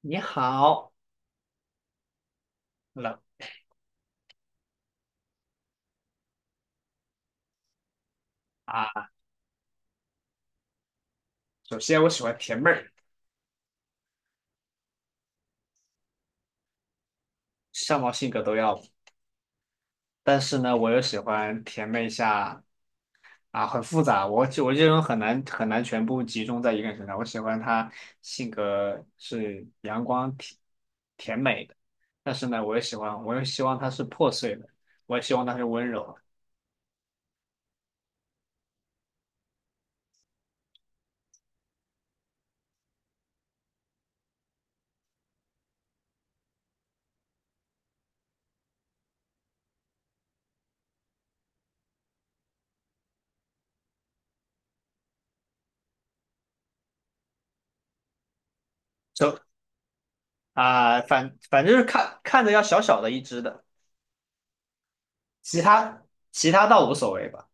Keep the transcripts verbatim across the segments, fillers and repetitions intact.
你好冷啊，首先我喜欢甜妹儿，相貌性格都要，但是呢，我又喜欢甜妹下啊，很复杂，我就我这种很难很难全部集中在一个人身上，我喜欢她性格是阳光甜甜美的，但是呢，我也喜欢，我又希望她是破碎的，我也希望她是温柔的，就啊，反反正就是看看着要小小的一只的，其他其他倒无所谓吧。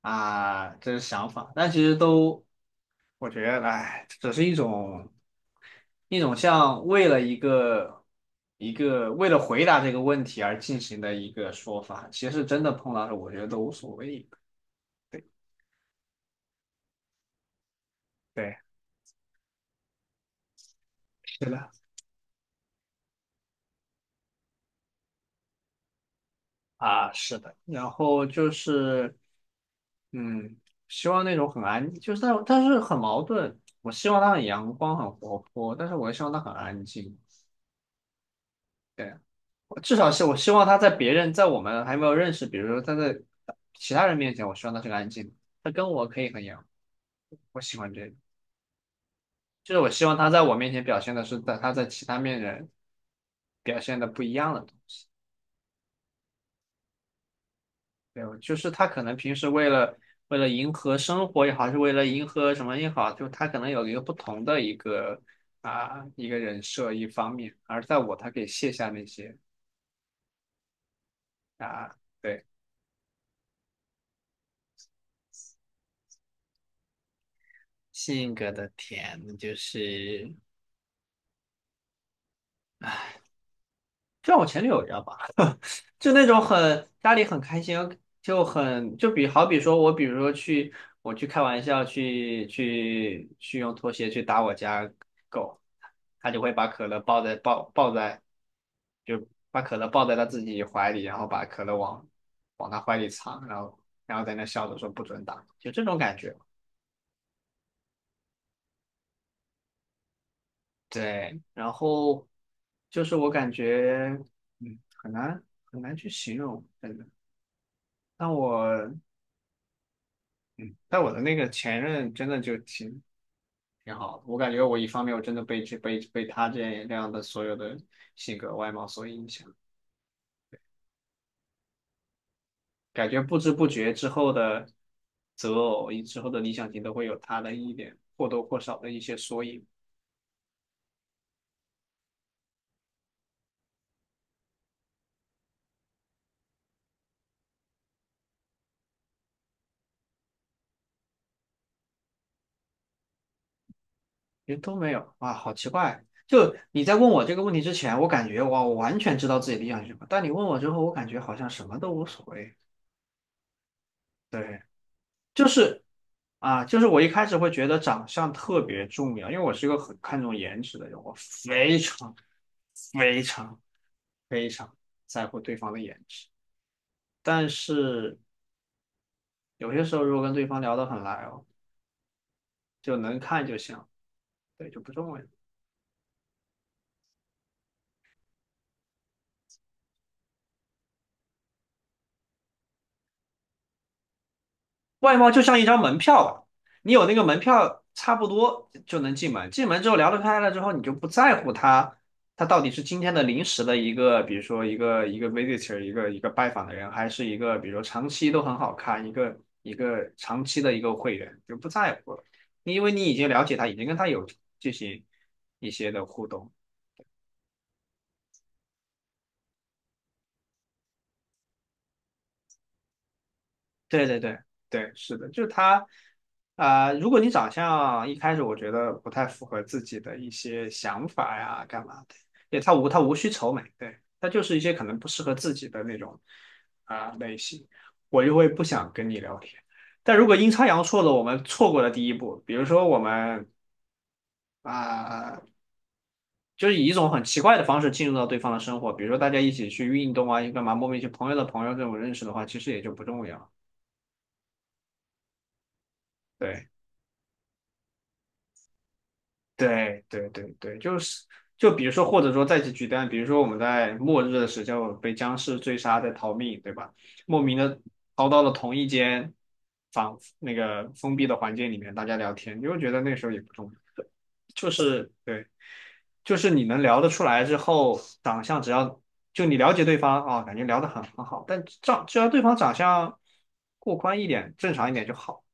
啊，这是想法，但其实都我觉得，哎，只是一种一种像为了一个一个为了回答这个问题而进行的一个说法，其实真的碰到了，我觉得都无所谓。对对，是的啊，是的。然后就是，嗯，希望那种很安，就是但但是很矛盾。我希望他很阳光、很活泼，但是我也希望他很安静。对。至少是我希望他在别人在我们还没有认识，比如说他在其他人面前，我希望他是个安静的，他跟我可以很阳光，我喜欢这个，就是我希望他在我面前表现的是在他在其他面人表现的不一样的东西，对，就是他可能平时为了为了迎合生活也好，还是为了迎合什么也好，就他可能有一个不同的一个啊一个人设一方面，而在我他可以卸下那些啊对性格的甜就是。就像我前女友一样吧，就那种很家里很开心，就很就比好比说我比如说去我去开玩笑去去去用拖鞋去打我家狗，他就会把可乐抱在抱抱在就把可乐抱在他自己怀里，然后把可乐往往他怀里藏，然后然后在那笑着说不准打，就这种感觉。对，然后就是我感觉嗯很难很难去形容，真的。但我嗯，但我的那个前任真的就挺挺好的，我感觉我一方面我真的被这被被他这样这样的所有的性格外貌所影响，感觉不知不觉之后的择偶以之后的理想型都会有他的一点或多或少的一些缩影，其实都没有，哇，好奇怪！就你在问我这个问题之前，我感觉哇，我完全知道自己理想型什么，但你问我之后，我感觉好像什么都无所谓。对，就是啊，就是我一开始会觉得长相特别重要，因为我是一个很看重颜值的人，我非常、非常、非常在乎对方的颜值。但是有些时候，如果跟对方聊得很来哦，就能看就行，对，就不重要。外贸就像一张门票吧，你有那个门票，差不多就能进门。进门之后聊得开了之后，你就不在乎他，他到底是今天的临时的一个，比如说一个一个 visitor,一个一个拜访的人，还是一个比如说长期都很好看，一个一个长期的一个会员，就不在乎了。因为你已经了解他，已经跟他有进行一些的互动，对对对对，是的，就是他，啊、如果你长相一开始我觉得不太符合自己的一些想法呀，干嘛的，对，他无他无需愁眉，对，他就是一些可能不适合自己的那种啊、类型，我就会不想跟你聊天。但如果阴差阳错的我们错过了第一步，比如说我们啊、就是以一种很奇怪的方式进入到对方的生活，比如说大家一起去运动啊，干嘛，莫名其妙朋友的朋友这种认识的话，其实也就不重要，对。对对对对，就是就比如说，或者说再去举单，比如说我们在末日的时候被僵尸追杀在逃命，对吧？莫名的逃到了同一间房那个封闭的环境里面，大家聊天，你会觉得那时候也不重要，就是对，就是你能聊得出来之后，长相只要就你了解对方啊，感觉聊得很很好，但长只要对方长相过关一点，正常一点就好。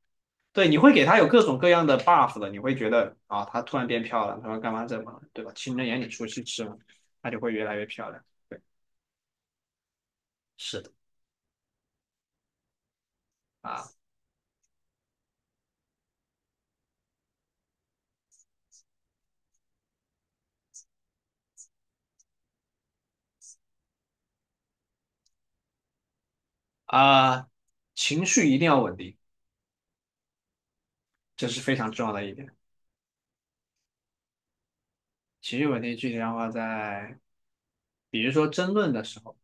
对，你会给他有各种各样的 buff 的，你会觉得啊，他突然变漂亮，他说干嘛怎么，对吧？情人眼里出西施嘛，他就会越来越漂亮。对，是的啊啊，情绪一定要稳定，这是非常重要的一点。情绪稳定具体的话在，比如说争论的时候，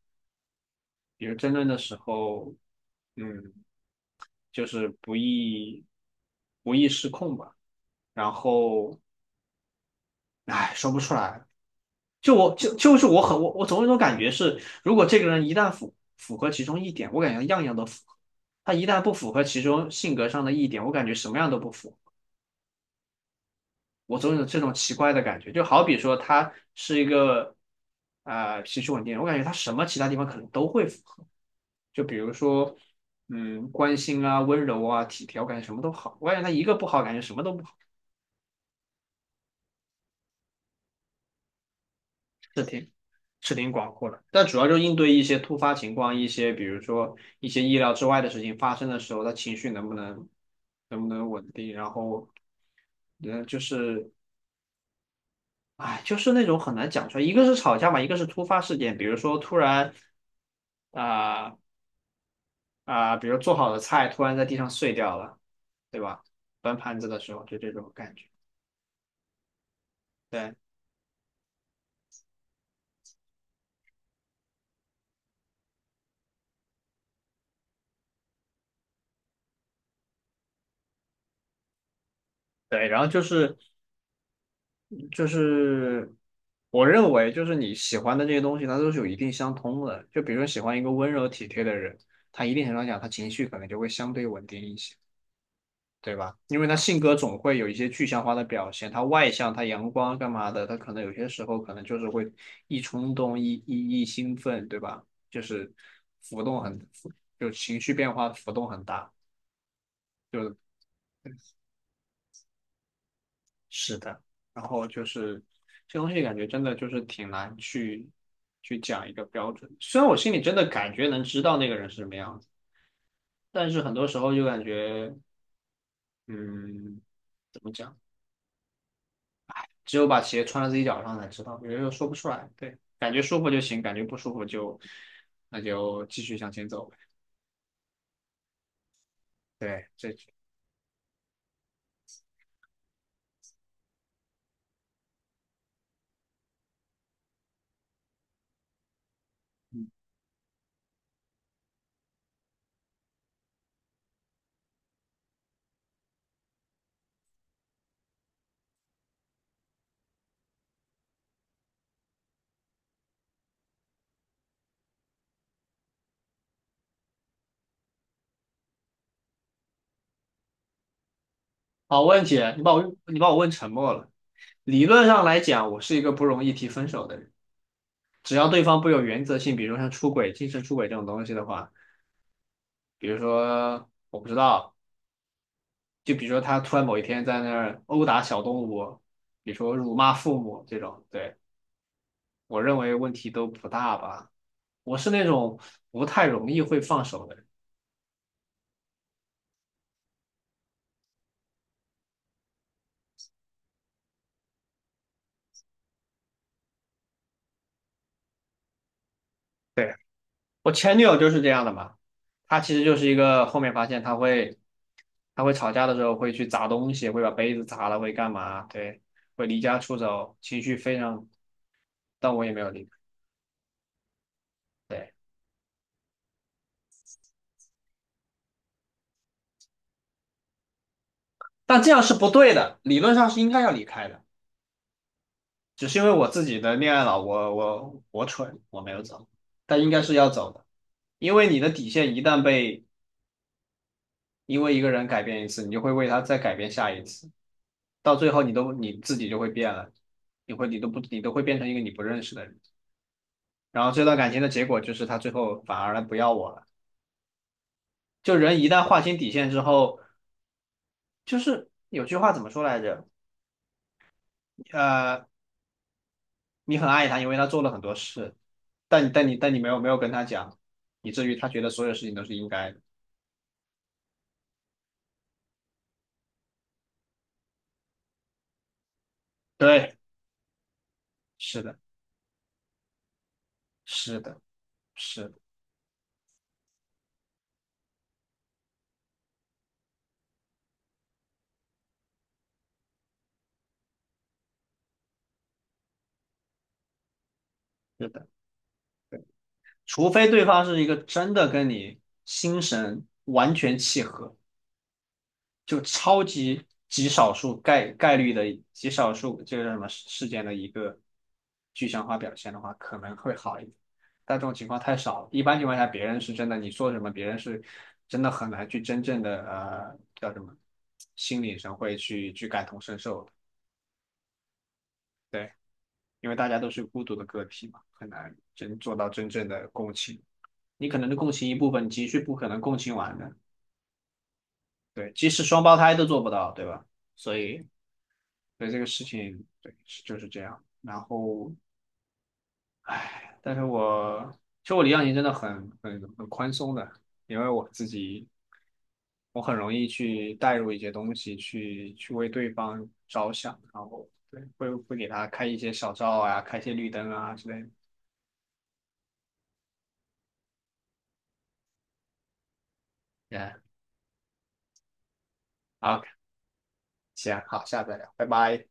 比如争论的时候，嗯，就是不易不易失控吧。然后，唉，说不出来，就我就就是我很我我总有一种感觉是，如果这个人一旦符符合其中一点，我感觉样样都符合；他一旦不符合其中性格上的一点，我感觉什么样都不符。我总有这种奇怪的感觉，就好比说他是一个啊、呃脾气稳定，我感觉他什么其他地方可能都会符合，就比如说嗯关心啊、温柔啊、体贴，我感觉什么都好；我感觉他一个不好，感觉什么都不好，是挺是挺广阔的，但主要就应对一些突发情况，一些比如说一些意料之外的事情发生的时候，他情绪能不能能不能稳定，然后，嗯，就是，哎，就是那种很难讲出来，一个是吵架嘛，一个是突发事件，比如说突然啊啊、比如做好的菜突然在地上碎掉了，对吧？端盘子的时候就这种感觉，对对，然后就是就是我认为，就是你喜欢的这些东西，它都是有一定相通的。就比如说喜欢一个温柔体贴的人，他一定程度上讲，他情绪可能就会相对稳定一些，对吧？因为他性格总会有一些具象化的表现，他外向，他阳光干嘛的，他可能有些时候可能就是会一冲动、一一一兴奋，对吧？就是浮动很，就情绪变化浮动很大。是的，然后就是这东西感觉真的就是挺难去去讲一个标准。虽然我心里真的感觉能知道那个人是什么样子，但是很多时候就感觉，嗯，怎么讲？只有把鞋穿在自己脚上才知道，有的时候说不出来。对，感觉舒服就行，感觉不舒服就那就继续向前走呗。对，这嗯好问题，你把我你把我问沉默了。理论上来讲，我是一个不容易提分手的人。只要对方不有原则性，比如像出轨、精神出轨这种东西的话，比如说我不知道，就比如说他突然某一天在那儿殴打小动物，比如说辱骂父母这种，对，我认为问题都不大吧。我是那种不太容易会放手的人，对，我前女友就是这样的嘛，她其实就是一个后面发现她会，她会吵架的时候会去砸东西，会把杯子砸了，会干嘛，对，会离家出走，情绪非常，但我也没有离开。对。但这样是不对的，理论上是应该要离开的，只是因为我自己的恋爱脑，我我我蠢，我没有走，但应该是要走的，因为你的底线一旦被因为一个人改变一次，你就会为他再改变下一次，到最后你都你自己就会变了，你会你都不你都会变成一个你不认识的人，然后这段感情的结果就是他最后反而不要我了，就人一旦划清底线之后，就是有句话怎么说来着？呃。你很爱他，因为他做了很多事，但但你但你没有没有跟他讲，以至于他觉得所有事情都是应该的。对，是的，是的，是的，是的，对，除非对方是一个真的跟你心神完全契合，就超级极少数概概率的极少数这个叫什么事事件的一个具象化表现的话，可能会好一点。但这种情况太少了，一般情况下，别人是真的，你说什么，别人是真的很难去真正的呃叫什么心理上会去去感同身受的，对，因为大家都是孤独的个体嘛，很难真做到真正的共情。你可能共情一部分，你情绪不可能共情完的，对，即使双胞胎都做不到，对吧？所以。对这个事情，对，是就是这样。然后，唉，但是我其实我离岸型真的很很很宽松的，因为我自己我很容易去带入一些东西，去去为对方着想，然后对会会给他开一些小灶啊，开一些绿灯啊之类的。Yeah,好，行，好，下次再聊，拜拜。